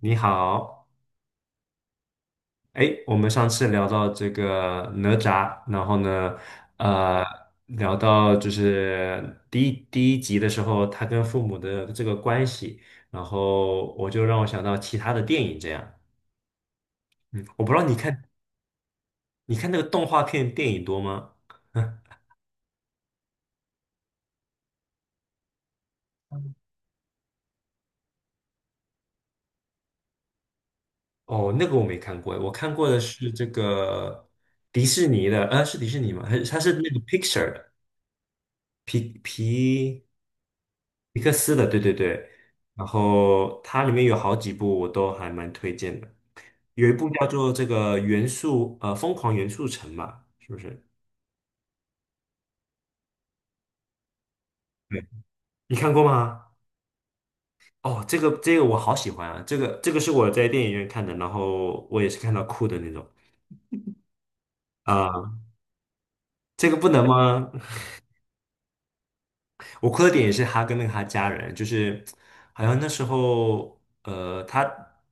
你好。哎，我们上次聊到这个哪吒，然后呢，呃，聊到就是第一集的时候，他跟父母的这个关系，然后就让我想到其他的电影这样。嗯，我不知道你看那个动画片电影多吗？哦，那个我没看过。我看过的是这个迪士尼的，是迪士尼吗？还是它是那个 Pixar 的皮皮？皮克斯的，对对对。然后它里面有好几部我都还蛮推荐的，有一部叫做这个疯狂元素城嘛，是不是？对，你看过吗？哦，这个这个我好喜欢啊，这个是我在电影院看的，然后我也是看到哭的那种。啊，这个不能吗？我哭的点也是他跟那个他家人，就是好像那时候，呃，他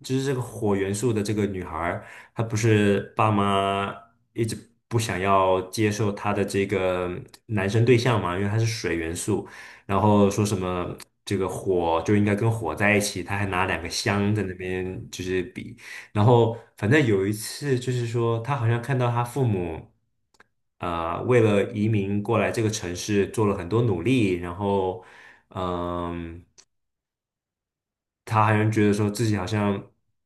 就是这个火元素的这个女孩儿，她不是爸妈一直不想要接受她的这个男生对象嘛，因为他是水元素，然后说什么这个火就应该跟火在一起，他还拿两个香在那边就是比。然后反正有一次就是说，他好像看到他父母，啊、为了移民过来这个城市做了很多努力。然后，嗯，他好像觉得说自己好像，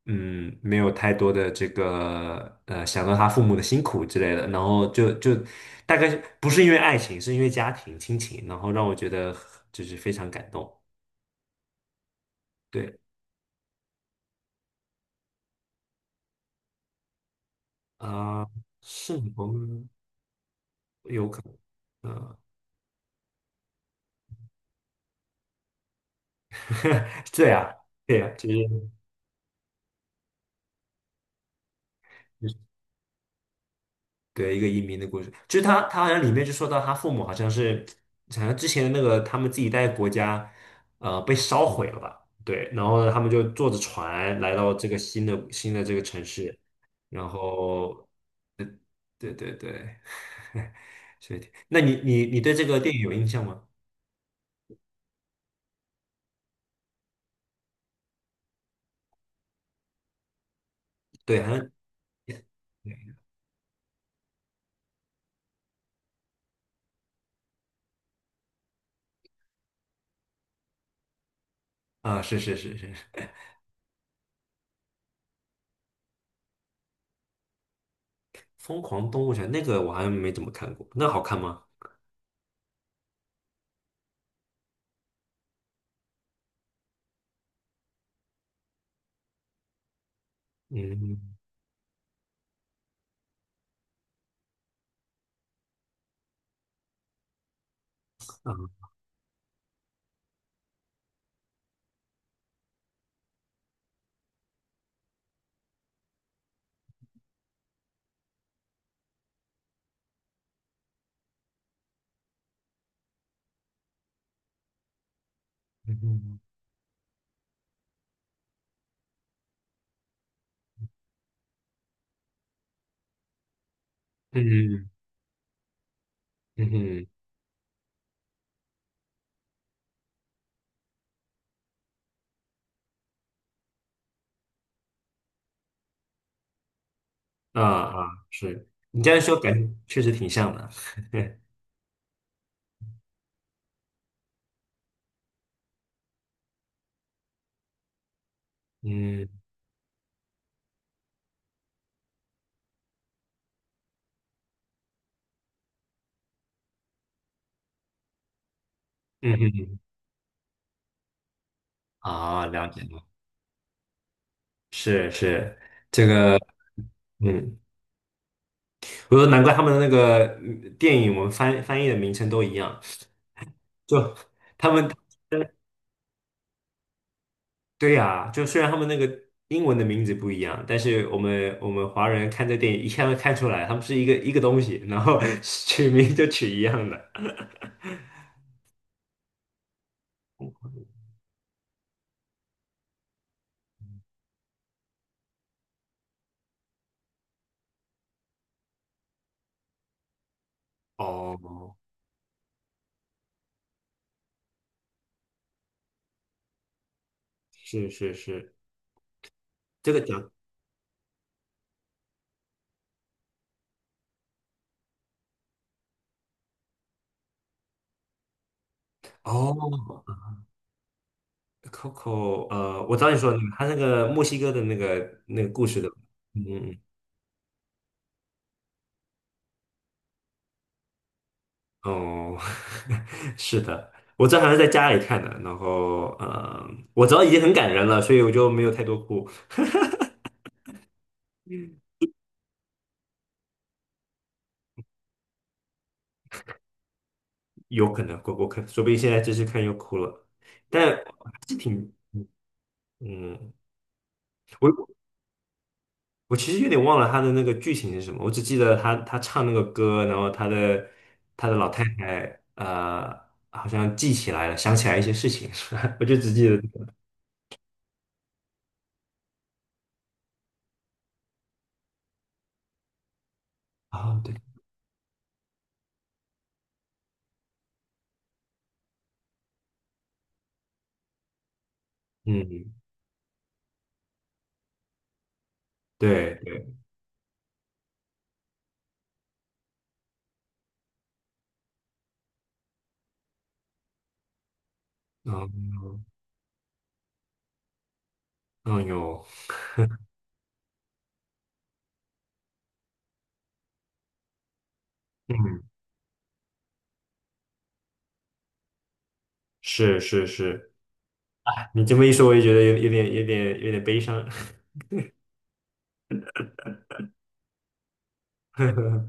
嗯，没有太多的这个，想到他父母的辛苦之类的，然后就大概是不是因为爱情，是因为家庭亲情，然后让我觉得就是非常感动。对。啊、是我们有可能。嗯、对啊，对啊，就是。对，一个移民的故事，就是他好像里面就说到他父母好像是，好像之前的那个他们自己带的国家，呃，被烧毁了吧？对。然后呢，他们就坐着船来到这个新的这个城市，然后，对对对。所以，那你对这个电影有印象吗？对，好像啊，是是是是。《疯狂动物城》那个我好像没怎么看过，那好看吗？嗯啊，嗯嗯嗯嗯。啊啊，是你这样说，感觉确实挺像的。嗯嗯嗯，啊，了解了，是是，嗯，我说难怪他们的那个电影，我们翻译的名称都一样，就他们对呀、就虽然他们那个英文的名字不一样，但是我们华人看这电影一看就看出来，他们是一个东西，然后 取名就取一样的。哦，是是是，这个讲哦。Coco,呃，我知道你说的那个，他那个墨西哥的那个那个故事的，嗯嗯嗯哦。是的，我这还是在家里看的，然后我知道已经很感人了，所以我就没有太多哭，有可能过过可说不定现在继续看又哭了，但嗯，我我其实有点忘了他的那个剧情是什么，我只记得他唱那个歌，然后他的老太太好像记起来了，想起来一些事情，是吧？我就只记得这个，哦，对，嗯。对对，嗯嗯哟，嗯，是是是，你这么一说，我也觉得有点有点悲伤。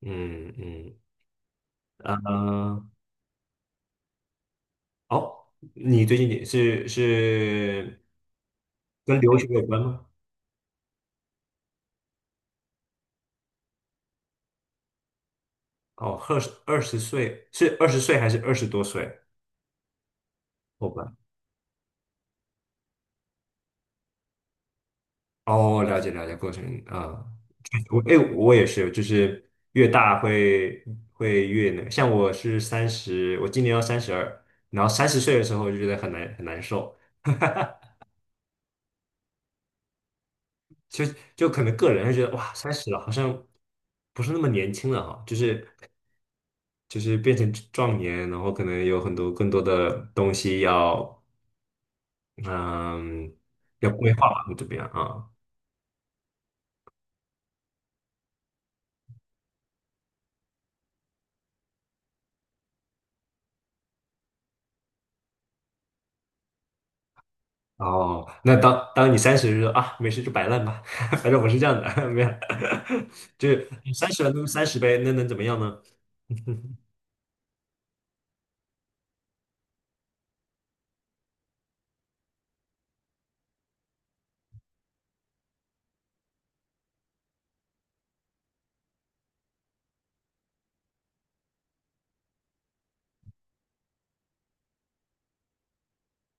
嗯嗯，呃，哦，你最近也是跟留学有关吗？哦，二十岁是二十岁还是二十多岁？后半哦，了解了解，过程啊。我哎，我也是，就是越大会越那个，像我是三十，我今年要三十二，然后三十岁的时候就觉得很难很难受，就就可能个人会觉得哇，三十了好像不是那么年轻了哈，就是变成壮年，然后可能有很多更多的东西要嗯要规划吧，么样啊。哦，那当你三十就说啊，没事就摆烂吧，反正我是这样的，没有，就是三十了那就三十呗，那能怎么样呢？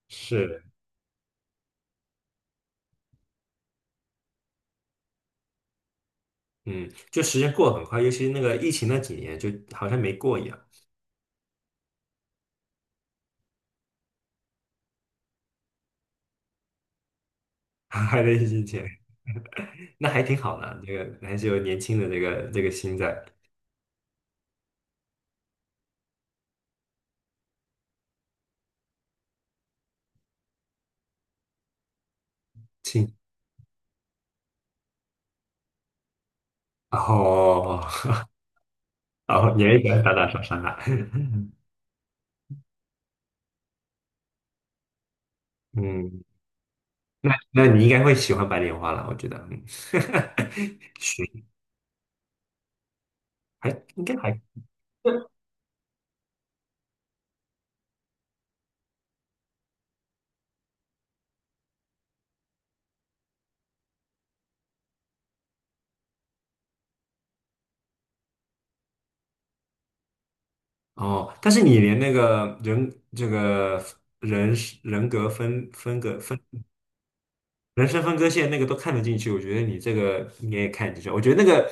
是，嗯，就时间过得很快，尤其那个疫情那几年，就好像没过一样。还在疫情前。那还挺好的，这个还是有年轻的这个心在。亲哦，哦，年一百打打杀杀。嗯，那那你应该会喜欢白莲花了，我觉得，嗯。行，还应该还哦。但是你连那个人这个人人格分隔。人生分割线那个都看得进去，我觉得你这个应该也看得进去。我觉得那个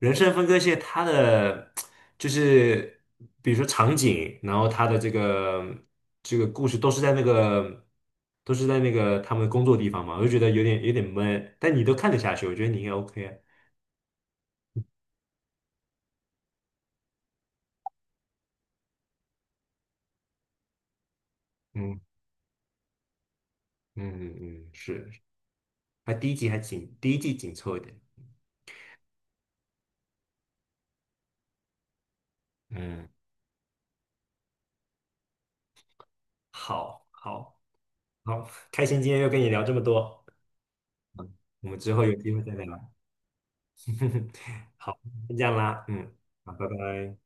人生分割线，它的就是比如说场景，然后它的这个故事都是在那个都是在那个他们的工作地方嘛，我就觉得有点闷，但你都看得下去，我觉得你应该 OK 啊。嗯嗯嗯，是，还第一集还紧，第一季紧凑一点。嗯，好，好，好，开心今天又跟你聊这么多，我们之后有机会再聊。好，先这样啦，嗯，好，拜拜。